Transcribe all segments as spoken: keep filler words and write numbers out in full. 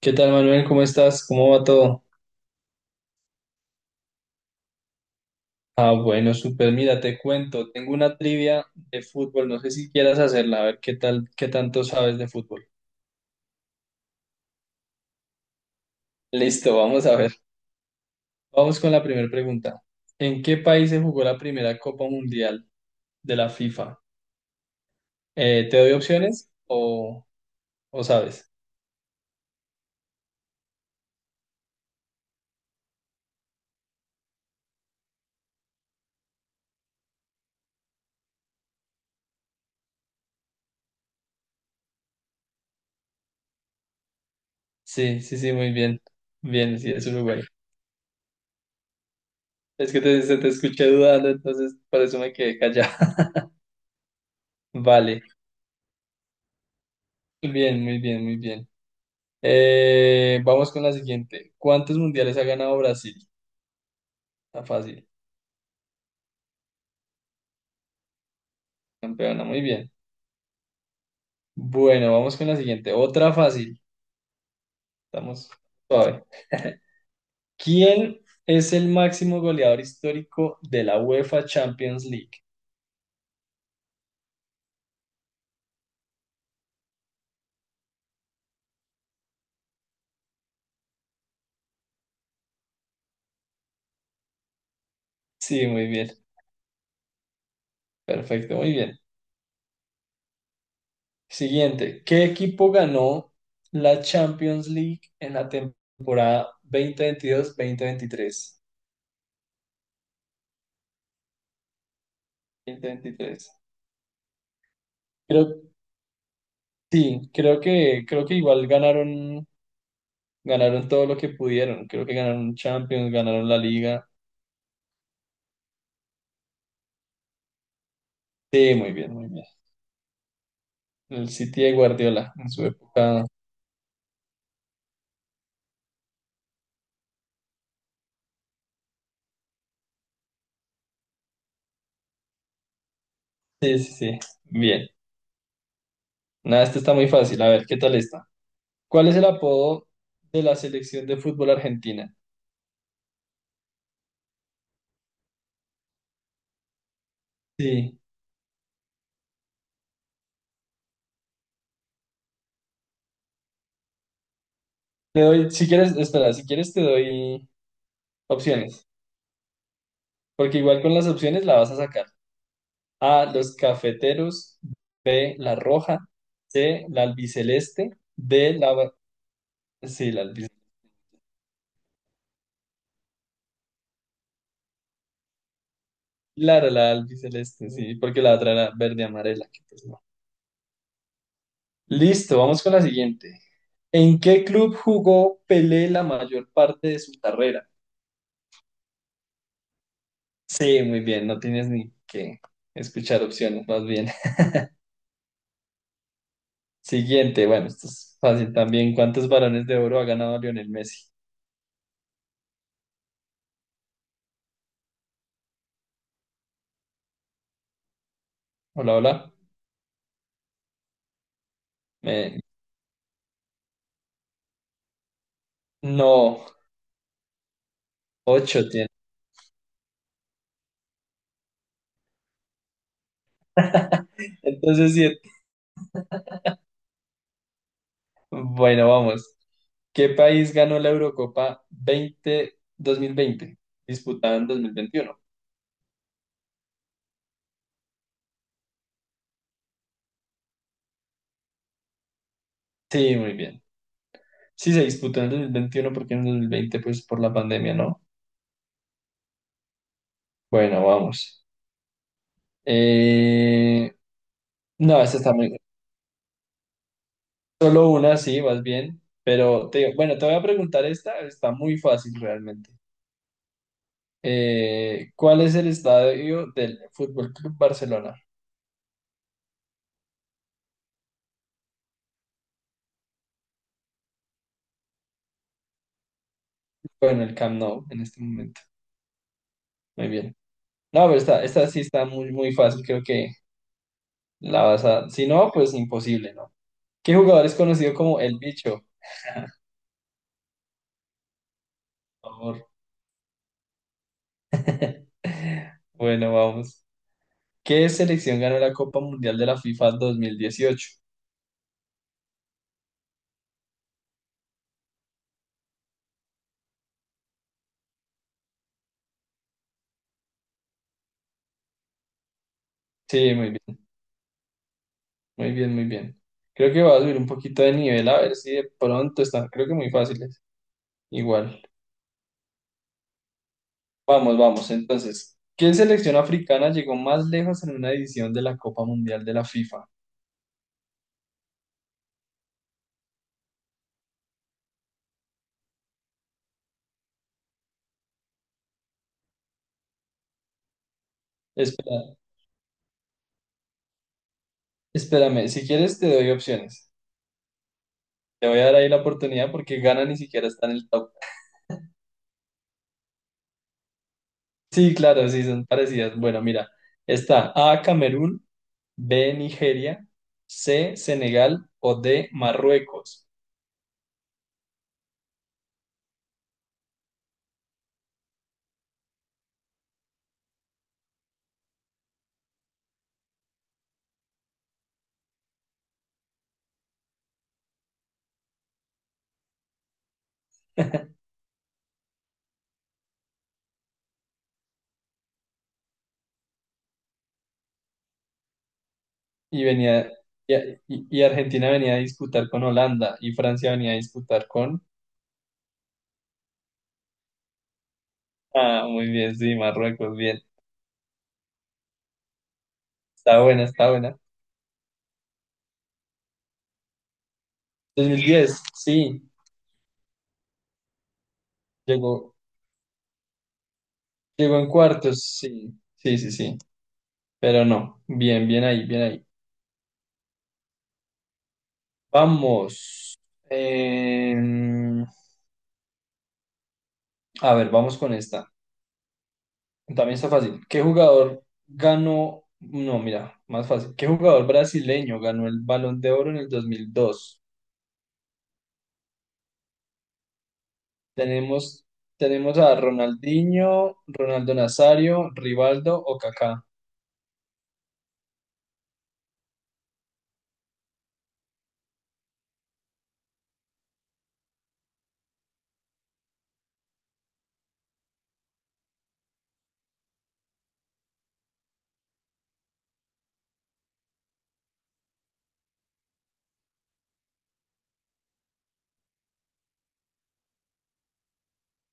¿Qué tal, Manuel? ¿Cómo estás? ¿Cómo va todo? Ah, bueno, súper. Mira, te cuento. Tengo una trivia de fútbol. No sé si quieras hacerla. A ver qué tal, qué tanto sabes de fútbol. Listo, vamos a ver. Vamos con la primera pregunta. ¿En qué país se jugó la primera Copa Mundial de la FIFA? Eh, ¿te doy opciones o, o sabes? Sí, sí, sí, muy bien. Bien, sí, es Uruguay. Es que te, se te escuché dudando, entonces por eso me quedé callado. Vale. Bien, muy bien, muy bien. Eh, vamos con la siguiente. ¿Cuántos mundiales ha ganado Brasil? Está fácil, campeona, muy bien. Bueno, vamos con la siguiente. Otra fácil. Estamos suave. ¿Quién es el máximo goleador histórico de la UEFA Champions League? Sí, muy bien. Perfecto, muy bien. Siguiente. ¿Qué equipo ganó la Champions League en la temporada dos mil veintidós-dos mil veintitrés? Veintitrés. Dos mil veintitrés. Creo, sí, creo que, creo que igual ganaron Ganaron Todo lo que pudieron. Creo que ganaron Champions, ganaron la Liga. Sí, muy bien, muy bien. El City de Guardiola en su época. Sí, sí, sí. Bien. Nada, este está muy fácil. A ver, ¿qué tal está? ¿Cuál es el apodo de la selección de fútbol argentina? Sí. Te doy, si quieres, espera, si quieres te doy opciones. Porque igual con las opciones la vas a sacar. A, los cafeteros. B, la roja. C, la albiceleste. D, la... Sí, la albiceleste. Claro, la albiceleste, sí, porque la otra era verde amarela, que pues no. Listo, vamos con la siguiente. ¿En qué club jugó Pelé la mayor parte de su carrera? Sí, muy bien, no tienes ni que escuchar opciones, más bien. Siguiente, bueno, esto es fácil también. ¿Cuántos balones de oro ha ganado Lionel Messi? Hola, hola. Me- No, ocho tiene. Entonces, sí, bueno, vamos. ¿Qué país ganó la Eurocopa veinte dos mil veinte, disputada en dos mil veintiuno? Sí, muy bien. Sí, se disputó en el dos mil veintiuno porque en el dos mil veinte pues por la pandemia, ¿no? Bueno, vamos. Eh, No, esta está muy... Solo una, sí, vas bien. Pero, te, digo, bueno, te voy a preguntar esta, está muy fácil realmente. Eh, ¿cuál es el estadio del Fútbol Club Barcelona? Bueno, el Camp Nou en este momento. Muy bien. No, pero esta, esta sí está muy, muy fácil, creo que la vas a... Si no, pues imposible, ¿no? ¿Qué jugador es conocido como El Bicho? Por favor. Bueno, vamos. ¿Qué selección ganó la Copa Mundial de la FIFA dos mil dieciocho? Sí, muy bien, muy bien, muy bien. Creo que va a subir un poquito de nivel, a ver si de pronto está. Creo que muy fáciles. Igual. Vamos, vamos. Entonces, ¿qué selección africana llegó más lejos en una edición de la Copa Mundial de la FIFA? Espera, espérame, si quieres te doy opciones. Te voy a dar ahí la oportunidad porque Ghana ni siquiera está en el top. Sí, claro, sí, son parecidas. Bueno, mira, está A, Camerún, B, Nigeria, C, Senegal o D, Marruecos. Y venía, y, y- y Argentina venía a disputar con Holanda y Francia venía a disputar con... Ah, muy bien, sí, Marruecos, bien. Está buena, está buena. dos mil diez, sí, llegó, llegó en cuartos, sí, sí, sí, sí. Pero no, bien, bien ahí, bien ahí. Vamos. Eh, a ver, vamos con esta. También está fácil. ¿Qué jugador ganó? No, mira, más fácil. ¿Qué jugador brasileño ganó el Balón de Oro en el dos mil dos? Tenemos, tenemos a Ronaldinho, Ronaldo Nazario, Rivaldo o Kaká.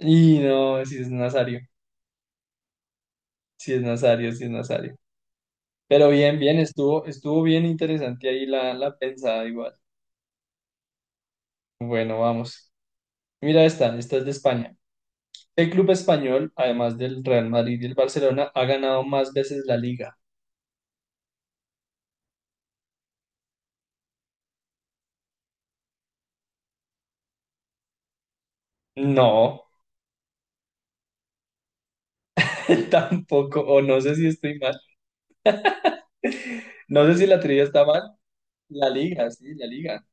Y no, si es Nazario, si es Nazario, si es Nazario. Pero bien, bien, estuvo, estuvo bien interesante ahí la, la pensada igual. Bueno, vamos. Mira esta, esta es de España. ¿Qué club español, además del Real Madrid y el Barcelona, ha ganado más veces la liga? No, tampoco, o no sé si estoy mal. No sé si la trivia está mal. La liga, sí, la liga.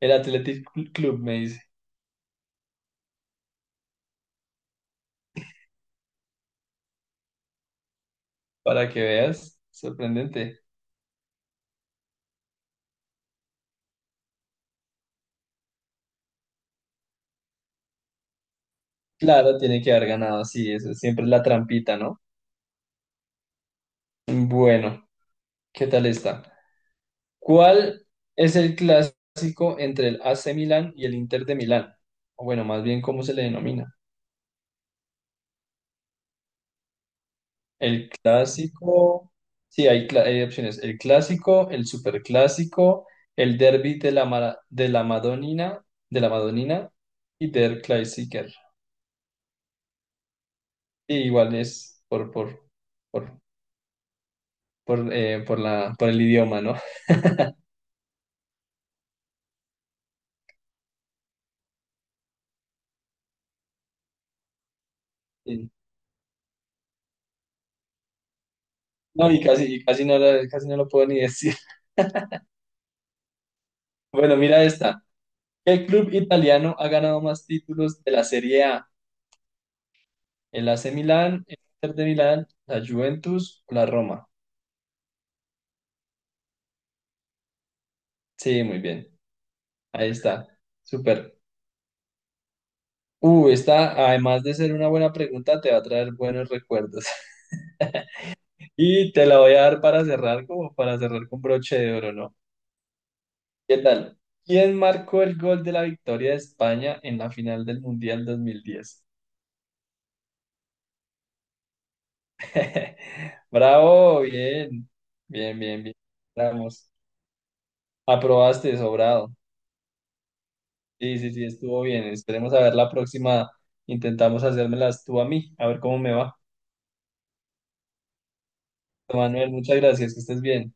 El Athletic Club me dice, para que veas, sorprendente. Claro, tiene que haber ganado, sí, eso siempre es la trampita, ¿no? Bueno, ¿qué tal está? ¿Cuál es el clásico entre el A C Milán y el Inter de Milán? O bueno, más bien, ¿cómo se le denomina? El clásico, sí, hay, cla- hay opciones. El clásico, el superclásico, el derby de la, Mara- de la Madonina, de la Madonina y Der Klassiker. Y igual es por, por, por, por, eh, por la, por el idioma, ¿no? Sí. No, y casi, y casi no, la- casi no lo puedo ni decir. Bueno, mira esta. ¿Qué club italiano ha ganado más títulos de la Serie A? ¿El A C Milán, el Inter de Milán, la Juventus o la Roma? Sí, muy bien. Ahí está. Súper. Uh, esta, además de ser una buena pregunta, te va a traer buenos recuerdos. Y te la voy a dar para cerrar, como para cerrar con broche de oro, ¿no? ¿Qué tal? ¿Quién marcó el gol de la victoria de España en la final del Mundial dos mil diez? Bravo, bien, bien, bien, bien. Vamos, aprobaste, sobrado. Sí, sí, sí, estuvo bien. Esperemos a ver la próxima. Intentamos hacérmelas tú a mí, a ver cómo me va. Manuel, muchas gracias, que estés bien.